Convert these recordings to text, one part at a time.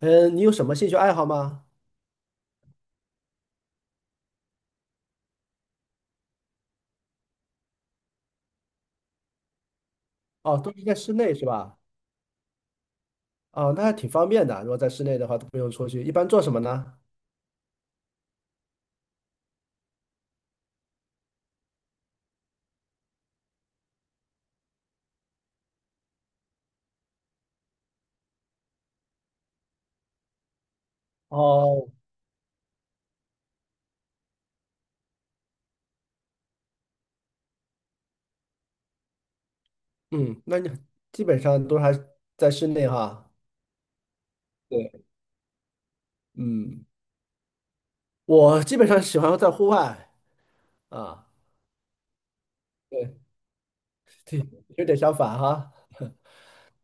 嗯，你有什么兴趣爱好吗？哦，都是在室内是吧？哦，那还挺方便的。如果在室内的话，都不用出去。一般做什么呢？哦，嗯，那你基本上都还在室内哈。对，嗯，我基本上喜欢在户外啊，对，有点相反哈。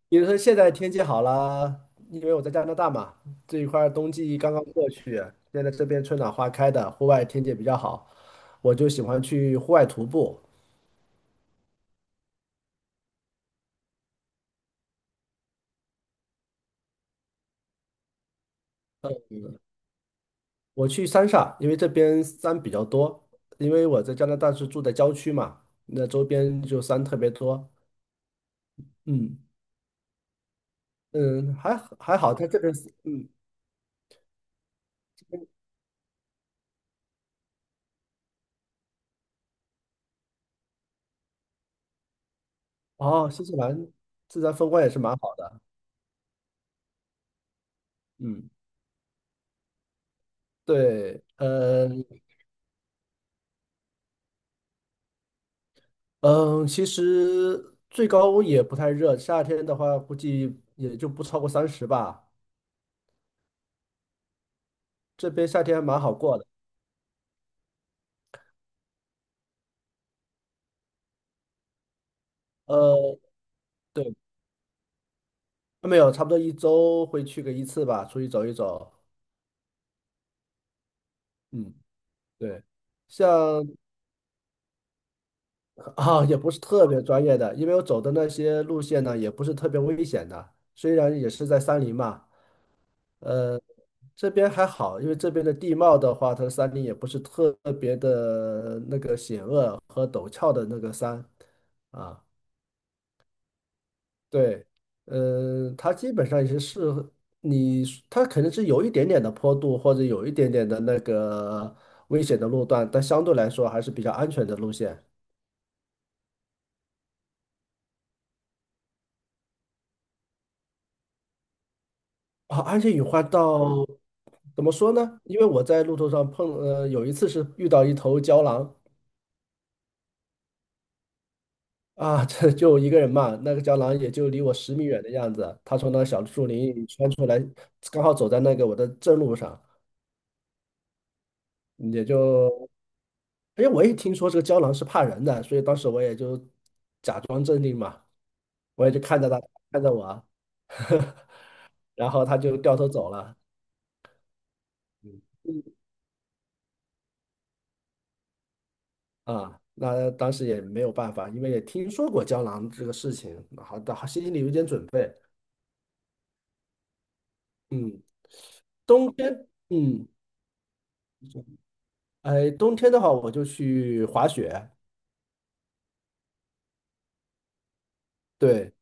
比如说现在天气好了，因为我在加拿大嘛，这一块儿冬季刚刚过去，现在这边春暖花开的，户外天气比较好，我就喜欢去户外徒步。我去三亚，因为这边山比较多，因为我在加拿大是住在郊区嘛，那周边就山特别多。嗯嗯，还好还好，它这边是哦，新西兰自然风光也是蛮好的。嗯，对，其实最高也不太热，夏天的话估计也就不超过三十吧。这边夏天还蛮好过的。呃，对，没有，差不多一周会去个一次吧，出去走一走。嗯，对。像啊，也不是特别专业的，因为我走的那些路线呢，也不是特别危险的。虽然也是在山林嘛，呃，这边还好，因为这边的地貌的话，它的山林也不是特别的那个险恶和陡峭的那个山啊。对，它基本上也是适合你，它可能是有一点点的坡度或者有一点点的那个危险的路段，但相对来说还是比较安全的路线。啊，安全隐患到怎么说呢？因为我在路途上碰，有一次是遇到一头郊狼啊，这就一个人嘛，那个郊狼也就离我10米远的样子，它从那小树林里穿出来，刚好走在那个我的正路上，也就，哎，我也听说这个郊狼是怕人的，所以当时我也就假装镇定嘛，我也就看着它，看着我啊，然后它就掉头走了。啊，那当时也没有办法，因为也听说过胶囊这个事情，好的，好心里有点准备。嗯，冬天，哎，冬天的话我就去滑雪，对，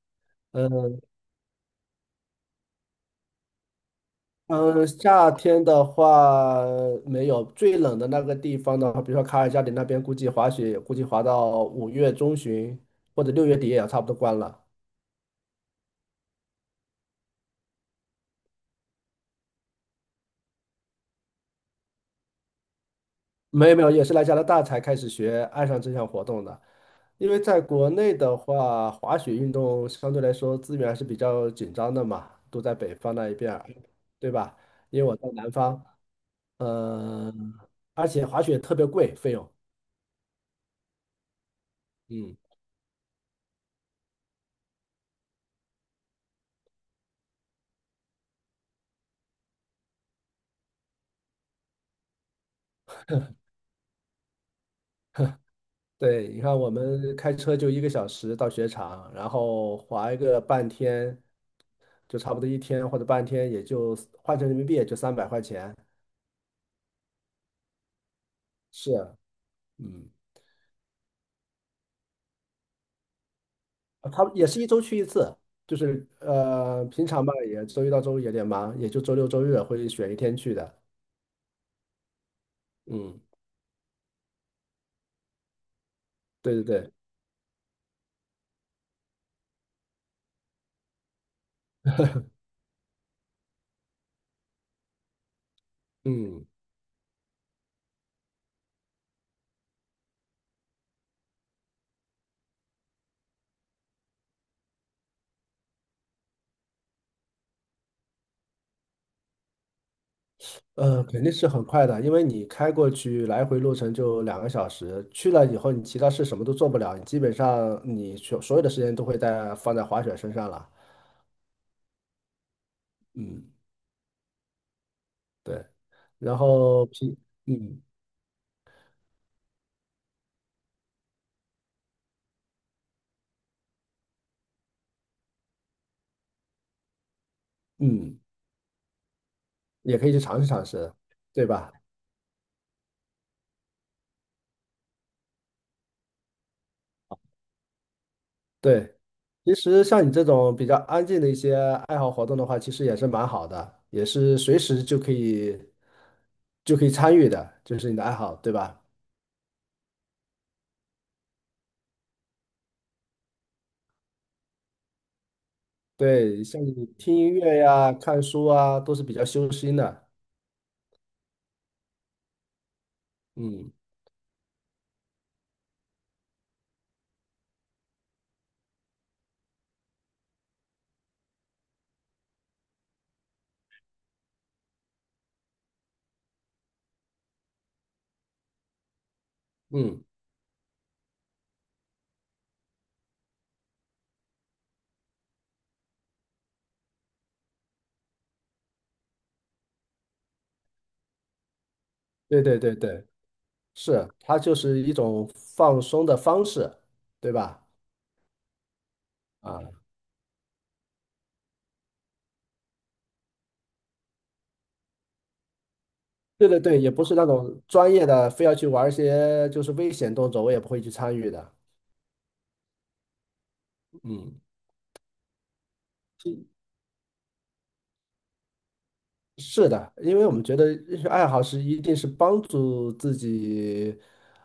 嗯嗯，夏天的话没有，最冷的那个地方的话，比如说卡尔加里那边，估计滑雪也估计滑到5月中旬或者6月底也要差不多关了。没有没有，也是来加拿大才开始学爱上这项活动的。因为在国内的话，滑雪运动相对来说资源还是比较紧张的嘛，都在北方那一边儿，对吧？因为我在南方，呃，而且滑雪特别贵，费用。嗯，对，你看我们开车就1个小时到雪场，然后滑一个半天，就差不多一天或者半天，也就换成人民币也就300块钱。是啊，嗯。啊他也是一周去一次，就是平常吧，也周一到周五有点忙，也就周六周日会选一天去的。嗯，对对对，嗯，肯定是很快的，因为你开过去来回路程就2个小时，去了以后你其他事什么都做不了，你基本上你所有的时间都会在放在滑雪身上了。嗯，对，然后平，嗯嗯，也可以去尝试尝试，对吧？对，其实像你这种比较安静的一些爱好活动的话，其实也是蛮好的，也是随时就可以参与的，就是你的爱好，对吧？对，像你听音乐呀、看书啊，都是比较修心的。嗯嗯，对对对对，是，它就是一种放松的方式，对吧？啊，对对对，也不是那种专业的，非要去玩一些就是危险动作，我也不会去参与的。嗯。是的，因为我们觉得兴趣爱好是一定是帮助自己，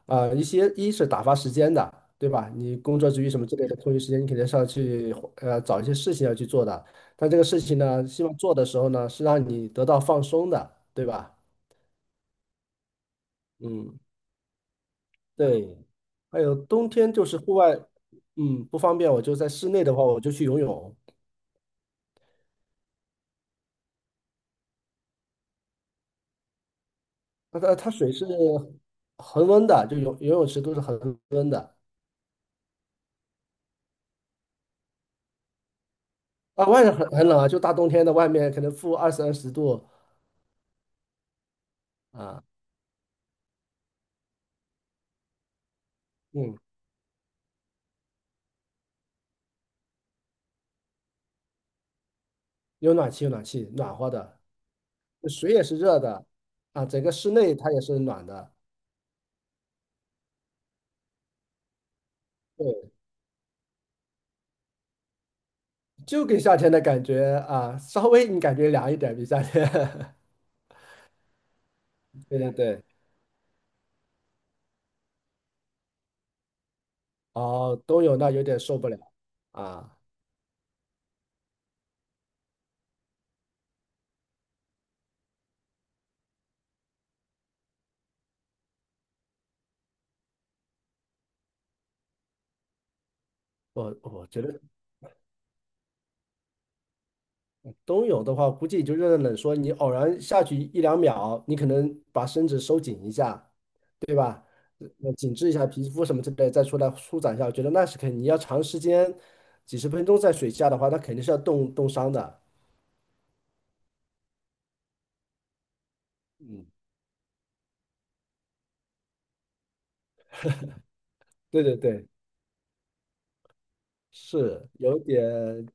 啊、一些一是打发时间的，对吧？你工作之余什么之类的空余时间，你肯定是要去找一些事情要去做的。但这个事情呢，希望做的时候呢，是让你得到放松的，对吧？嗯，对，还有冬天就是户外，不方便，我就在室内的话，我就去游泳。那它水是恒温的，就游泳池都是恒温的。啊，外面很冷啊，就大冬天的，外面可能负二三十度啊，嗯，有暖气，有暖气，暖和的，水也是热的啊，整个室内它也是暖的，对，就给夏天的感觉啊，稍微你感觉凉一点比夏天，对对对，哦，冬泳那有点受不了啊，我觉得冬泳的话，估计也就热热冷说，你偶然下去一两秒，你可能把身子收紧一下，对吧？紧致一下皮肤什么之类，再出来舒展一下，我觉得那是肯定。你要长时间几十分钟在水下的话，那肯定是要冻伤的。嗯，对对对，是有点，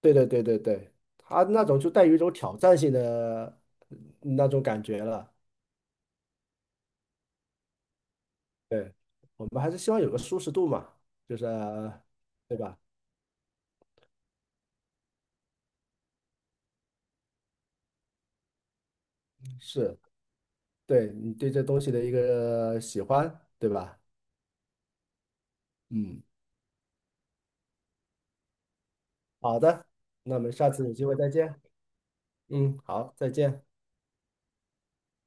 对对对对对，它那种就带有一种挑战性的那种感觉了。对，我们还是希望有个舒适度嘛，就是对吧？是，对你对这东西的一个喜欢，对吧？嗯，好的，那我们下次有机会再见。嗯，好，再见。